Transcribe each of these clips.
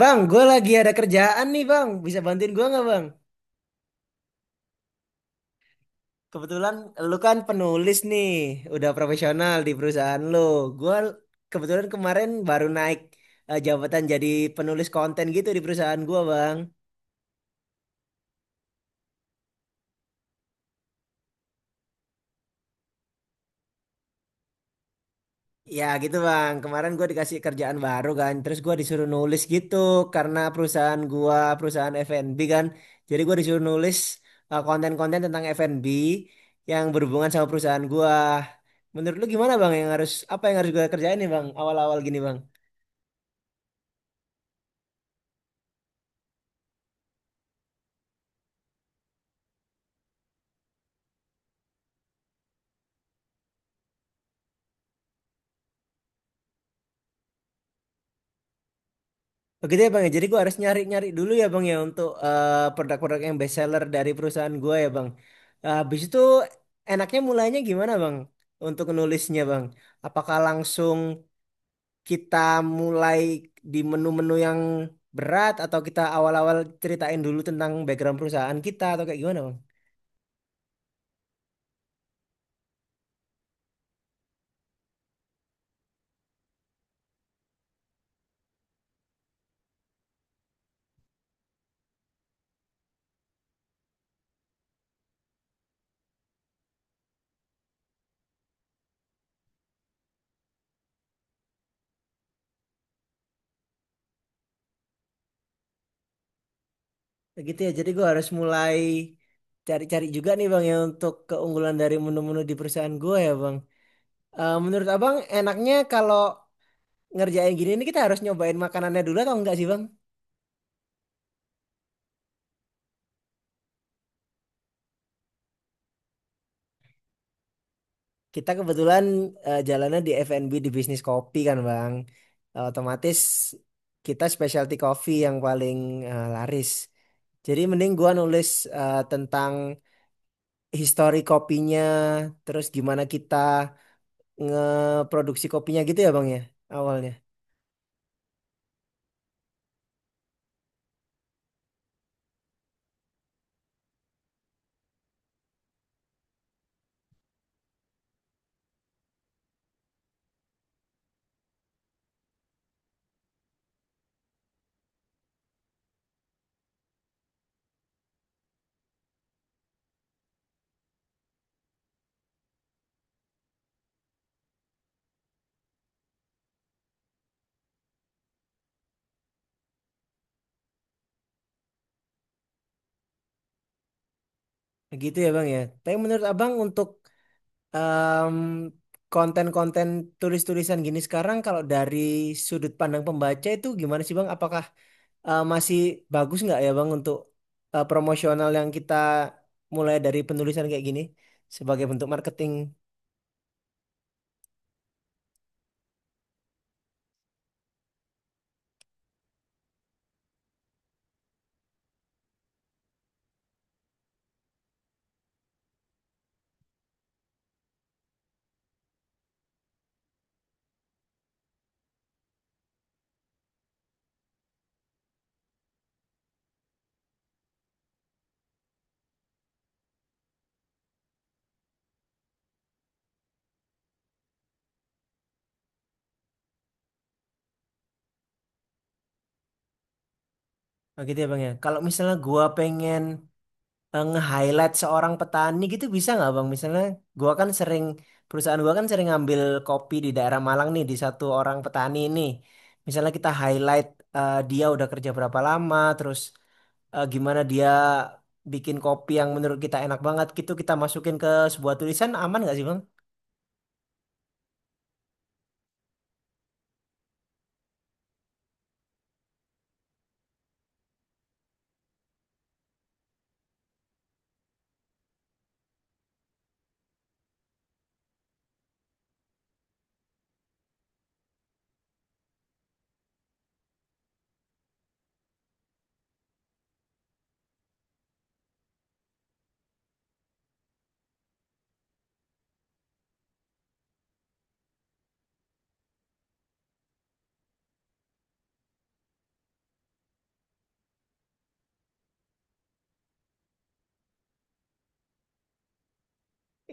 Bang, gue lagi ada kerjaan nih, bang. Bisa bantuin gue nggak, bang? Kebetulan lu kan penulis nih, udah profesional di perusahaan lu. Gue kebetulan kemarin baru naik jabatan, jadi penulis konten gitu di perusahaan gue, bang. Ya gitu, bang, kemarin gue dikasih kerjaan baru kan, terus gue disuruh nulis gitu karena perusahaan gua perusahaan F&B kan, jadi gue disuruh nulis konten-konten tentang F&B yang berhubungan sama perusahaan gua. Menurut lu gimana, bang, yang harus apa yang harus gue kerjain nih, bang, awal-awal gini, bang? Begitu ya, bang, ya, jadi gue harus nyari-nyari dulu ya, bang, ya, untuk produk-produk yang best seller dari perusahaan gue ya, bang. Habis itu enaknya mulainya gimana, bang, untuk nulisnya, bang? Apakah langsung kita mulai di menu-menu yang berat atau kita awal-awal ceritain dulu tentang background perusahaan kita atau kayak gimana, bang? Kayak gitu ya, jadi gue harus mulai cari-cari juga nih, bang, ya, untuk keunggulan dari menu-menu di perusahaan gue ya, bang. Eh, menurut abang enaknya kalau ngerjain gini ini kita harus nyobain makanannya dulu atau enggak sih, bang? Kita kebetulan jalannya di F&B, di bisnis kopi kan, Bang. Eh, otomatis kita specialty coffee yang paling laris. Jadi mending gua nulis tentang histori kopinya, terus gimana kita ngeproduksi kopinya gitu ya, Bang, ya, awalnya. Gitu ya, Bang, ya. Tapi menurut Abang untuk em, konten-konten tulis-tulisan gini sekarang kalau dari sudut pandang pembaca itu gimana sih, Bang? Apakah masih bagus nggak ya, Bang, untuk promosional yang kita mulai dari penulisan kayak gini sebagai bentuk marketing? Oh, gitu ya, Bang, ya. Kalau misalnya gua pengen nge-highlight seorang petani gitu bisa nggak, Bang? Misalnya gua kan sering perusahaan gua kan sering ngambil kopi di daerah Malang nih, di satu orang petani ini. Misalnya kita highlight dia udah kerja berapa lama, terus gimana dia bikin kopi yang menurut kita enak banget gitu kita masukin ke sebuah tulisan, aman nggak sih, Bang?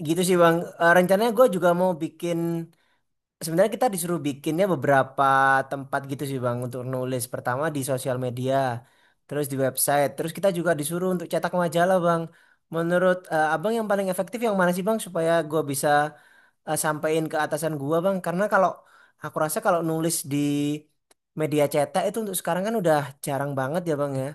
Gitu sih, Bang. Eh, rencananya gue juga mau bikin, sebenarnya kita disuruh bikinnya beberapa tempat gitu sih, Bang, untuk nulis. Pertama di sosial media, terus di website, terus kita juga disuruh untuk cetak majalah, Bang. Menurut Abang yang paling efektif yang mana sih, Bang, supaya gue bisa sampein ke atasan gue, Bang? Karena kalau aku rasa kalau nulis di media cetak itu untuk sekarang kan udah jarang banget ya, Bang, ya.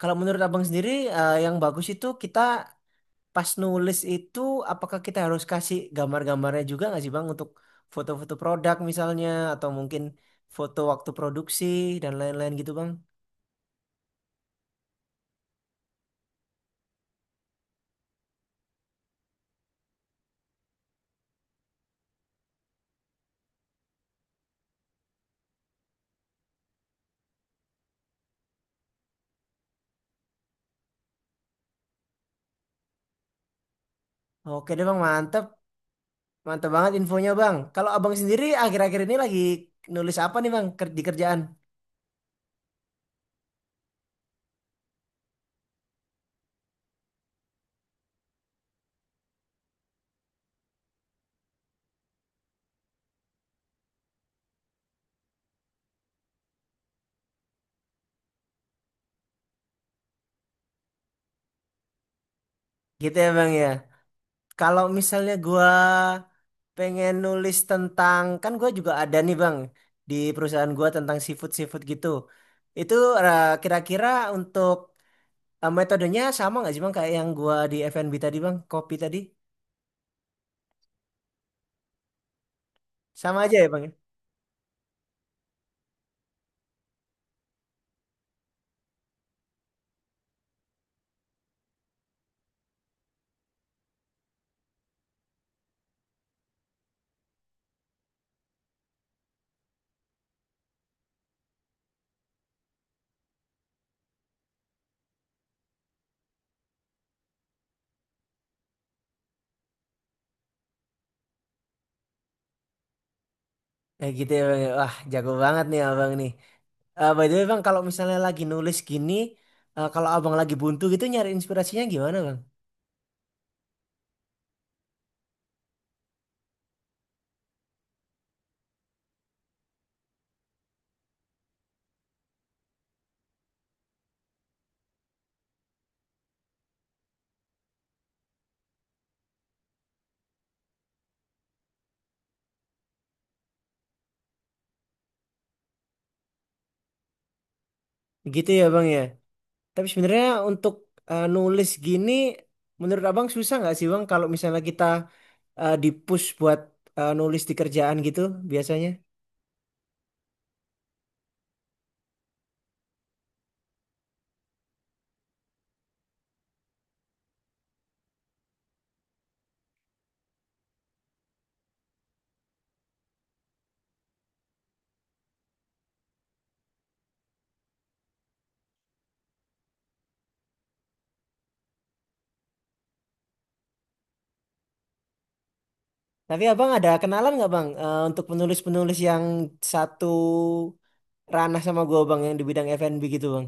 Kalau menurut Abang sendiri yang bagus itu kita pas nulis itu, apakah kita harus kasih gambar-gambarnya juga nggak sih, Bang, untuk foto-foto produk misalnya atau mungkin foto waktu produksi dan lain-lain gitu, Bang? Oke deh, Bang, mantep. Mantep banget infonya, Bang. Kalau Abang sendiri akhir-akhir ini lagi nulis apa nih, Bang, di kerjaan? Gitu ya, Bang, ya. Kalau misalnya gua pengen nulis tentang, kan gua juga ada nih, Bang, di perusahaan gua tentang seafood-seafood gitu. Itu kira-kira untuk metodenya sama nggak sih, bang, kayak yang gua di FNB tadi, bang, kopi tadi sama aja ya, bang, ya? Eh, gitu ya, bang, ya. Wah, jago banget nih abang nih. Eh, by the way, bang, kalau misalnya lagi nulis gini kalau abang lagi buntu gitu nyari inspirasinya gimana, bang? Gitu ya, bang, ya, tapi sebenarnya untuk nulis gini menurut abang susah nggak sih, bang, kalau misalnya kita dipush buat nulis di kerjaan gitu biasanya. Tapi abang ada kenalan nggak, bang, untuk penulis-penulis yang satu ranah sama gue, bang, yang di bidang F&B gitu, bang?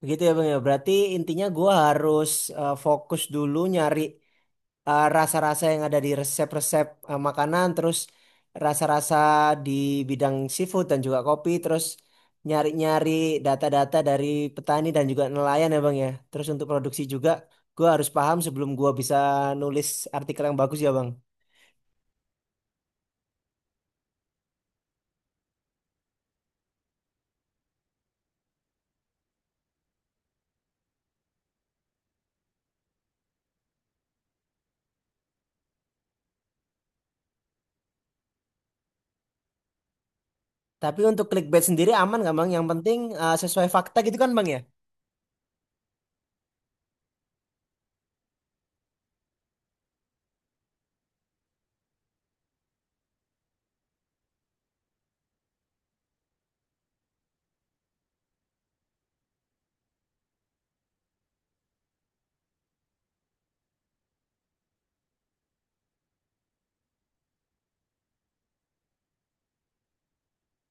Begitu ya, bang, ya, berarti intinya gue harus fokus dulu nyari rasa-rasa yang ada di resep-resep makanan, terus rasa-rasa di bidang seafood dan juga kopi, terus nyari-nyari data-data dari petani dan juga nelayan ya, bang, ya, terus untuk produksi juga gue harus paham sebelum gue bisa nulis artikel yang bagus ya, bang. Tapi untuk clickbait sendiri aman nggak, bang, yang penting sesuai fakta gitu kan, bang, ya?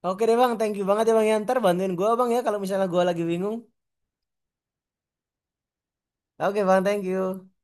Oke deh, bang, thank you banget ya, bang, ya. Ntar bantuin gue, bang, ya, kalau misalnya gue lagi bingung. Oke, bang, thank you.